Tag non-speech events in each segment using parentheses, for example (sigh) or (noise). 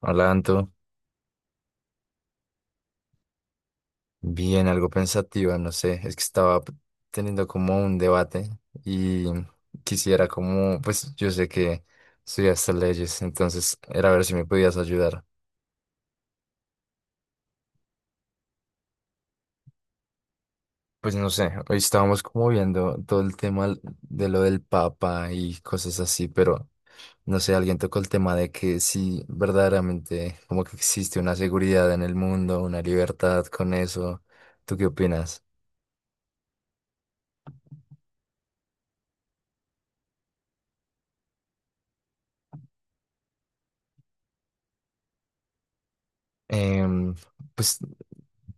Hola, Anto. Bien, algo pensativa, no sé. Es que estaba teniendo como un debate y quisiera como, pues yo sé que estudiaste leyes, entonces era ver si me podías ayudar. Pues no sé, hoy estábamos como viendo todo el tema de lo del Papa y cosas así, pero no sé, alguien tocó el tema de que si verdaderamente como que existe una seguridad en el mundo, una libertad con eso. ¿Tú qué opinas? Em, pues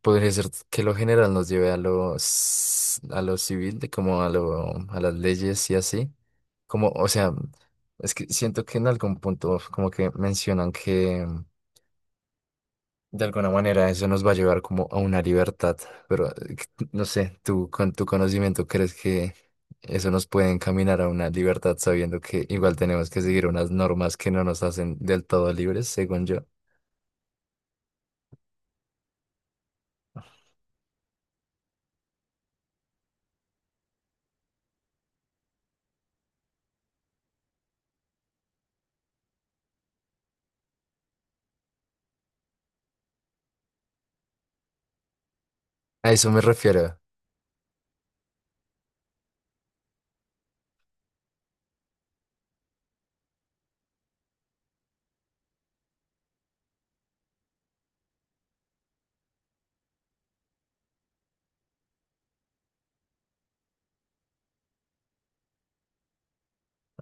podría ser que lo general nos lleve a los a lo civil, de como a lo, a las leyes y así. Como, o sea, es que siento que en algún punto como que mencionan que de alguna manera eso nos va a llevar como a una libertad, pero (laughs) no sé, tú con tu conocimiento crees que eso nos puede encaminar a una libertad sabiendo que igual tenemos que seguir unas normas que no nos hacen del todo libres, según yo. A eso me refiero,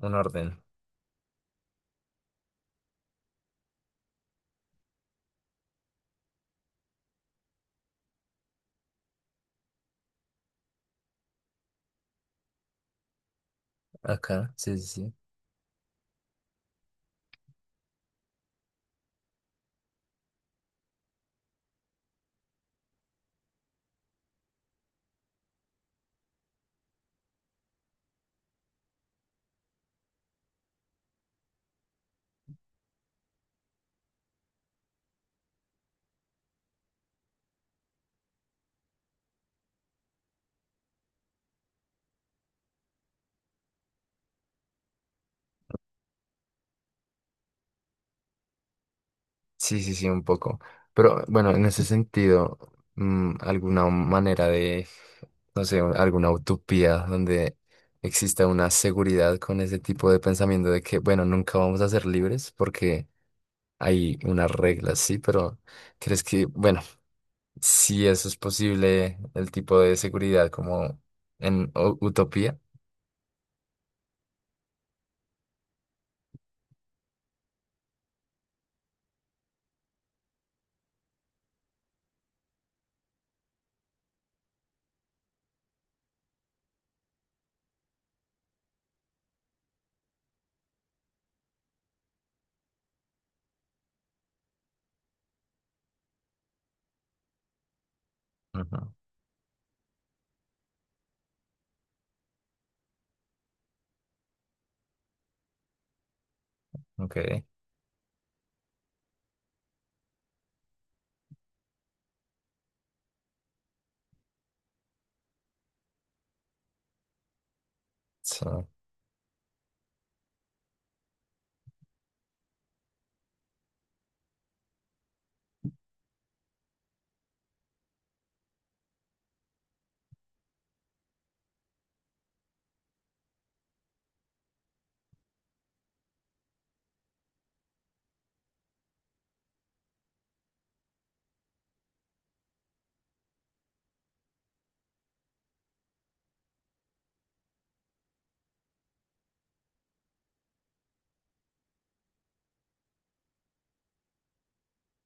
un orden. Acá, sí, sí, sí. Sí, sí, sí, un poco. Pero bueno, en ese sentido, alguna manera de, no sé, alguna utopía donde exista una seguridad con ese tipo de pensamiento de que, bueno, nunca vamos a ser libres porque hay unas reglas, sí, pero ¿crees que, bueno, si eso es posible, el tipo de seguridad como en utopía? Ujú. Ok, sí.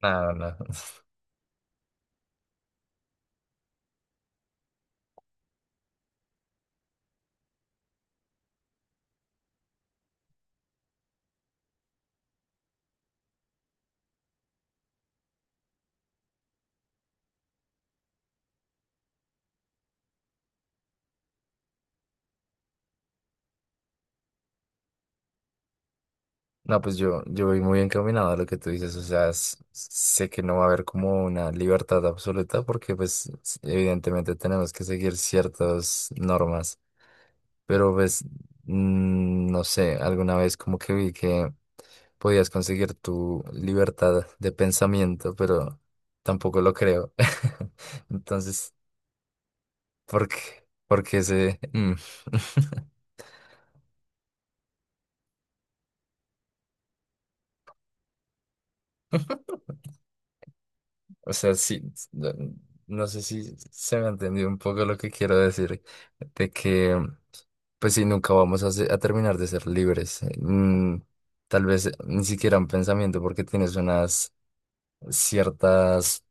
No, no. (laughs) No, pues yo voy muy encaminado a lo que tú dices, o sea, sé que no va a haber como una libertad absoluta porque pues evidentemente tenemos que seguir ciertas normas, pero pues no sé, alguna vez como que vi que podías conseguir tu libertad de pensamiento, pero tampoco lo creo. (laughs) Entonces, ¿por qué? Porque ese... (laughs) O sea, sí, no, no sé si se me ha entendido un poco lo que quiero decir, de que, pues sí, nunca vamos a, a terminar de ser libres. Tal vez ni siquiera un pensamiento, porque tienes unas ciertas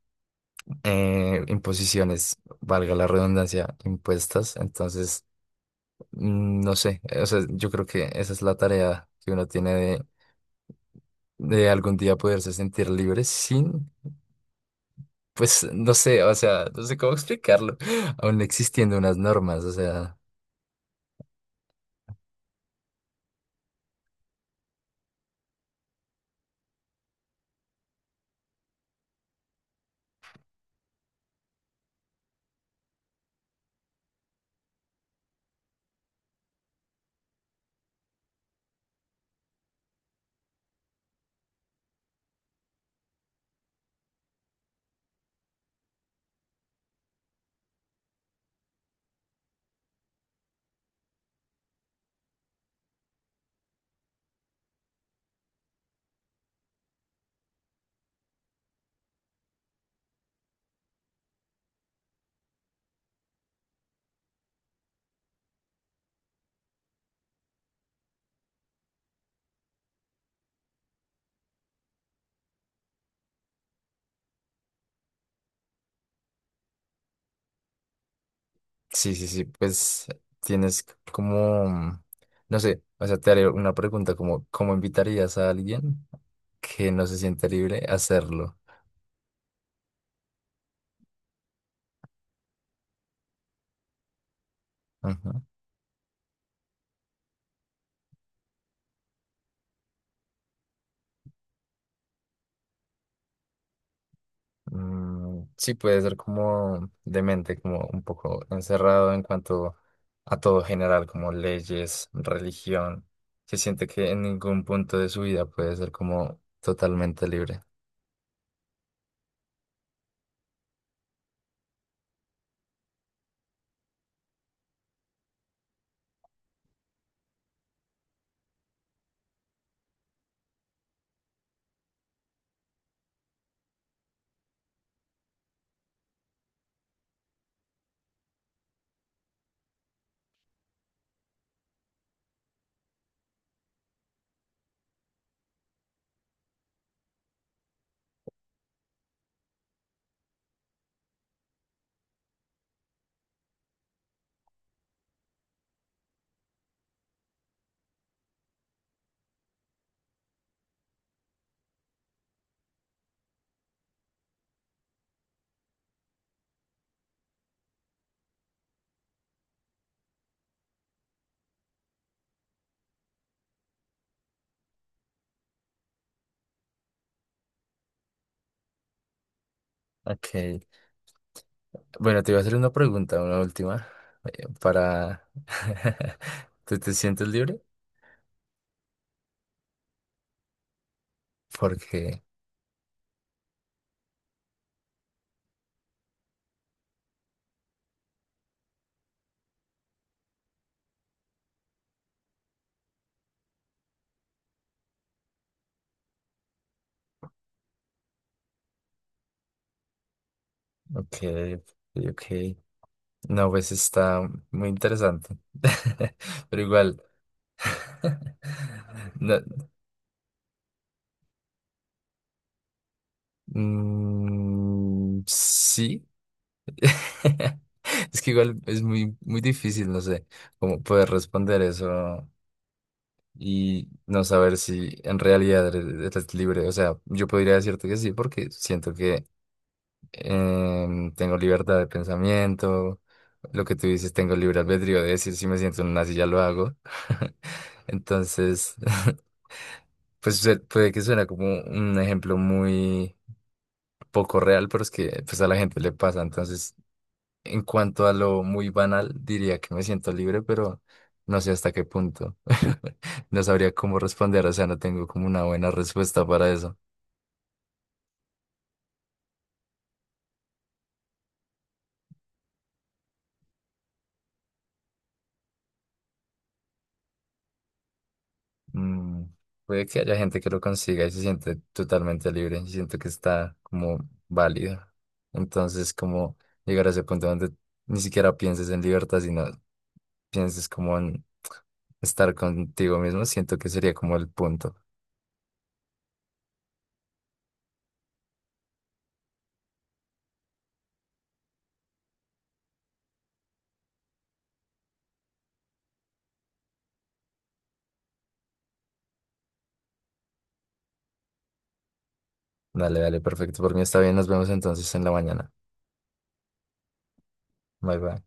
imposiciones, valga la redundancia, impuestas. Entonces, no sé, o sea, yo creo que esa es la tarea que uno tiene de algún día poderse sentir libre sin... Pues no sé, o sea, no sé cómo explicarlo, (laughs) aún existiendo unas normas, o sea, sí, sí, sí, pues tienes como, no sé, o sea, te haré una pregunta como, ¿cómo invitarías a alguien que no se siente libre a hacerlo? Ajá. Sí, puede ser como demente, como un poco encerrado en cuanto a todo general, como leyes, religión, se siente que en ningún punto de su vida puede ser como totalmente libre. Ok. Bueno, te voy a hacer una pregunta, una última, para... (laughs) ¿Te sientes libre? Porque, ok, ok, ok. No, pues está muy interesante. (laughs) Pero igual... (laughs) No, sí. (laughs) Es que igual es muy, muy difícil, no sé, cómo poder responder eso y no saber si en realidad eres libre. O sea, yo podría decirte que sí, porque siento que tengo libertad de pensamiento, lo que tú dices, tengo libre albedrío de decir si me siento en una silla lo hago. (laughs) Entonces, (laughs) pues puede que suene como un ejemplo muy poco real, pero es que pues a la gente le pasa. Entonces, en cuanto a lo muy banal, diría que me siento libre, pero no sé hasta qué punto. (laughs) No sabría cómo responder, o sea, no tengo como una buena respuesta para eso. Mm, Puede que haya gente que lo consiga y se siente totalmente libre y siento que está como válido. Entonces, como llegar a ese punto donde ni siquiera pienses en libertad, sino pienses como en estar contigo mismo, siento que sería como el punto. Dale, dale, perfecto. Por mí está bien, nos vemos entonces en la mañana. Bye, bye.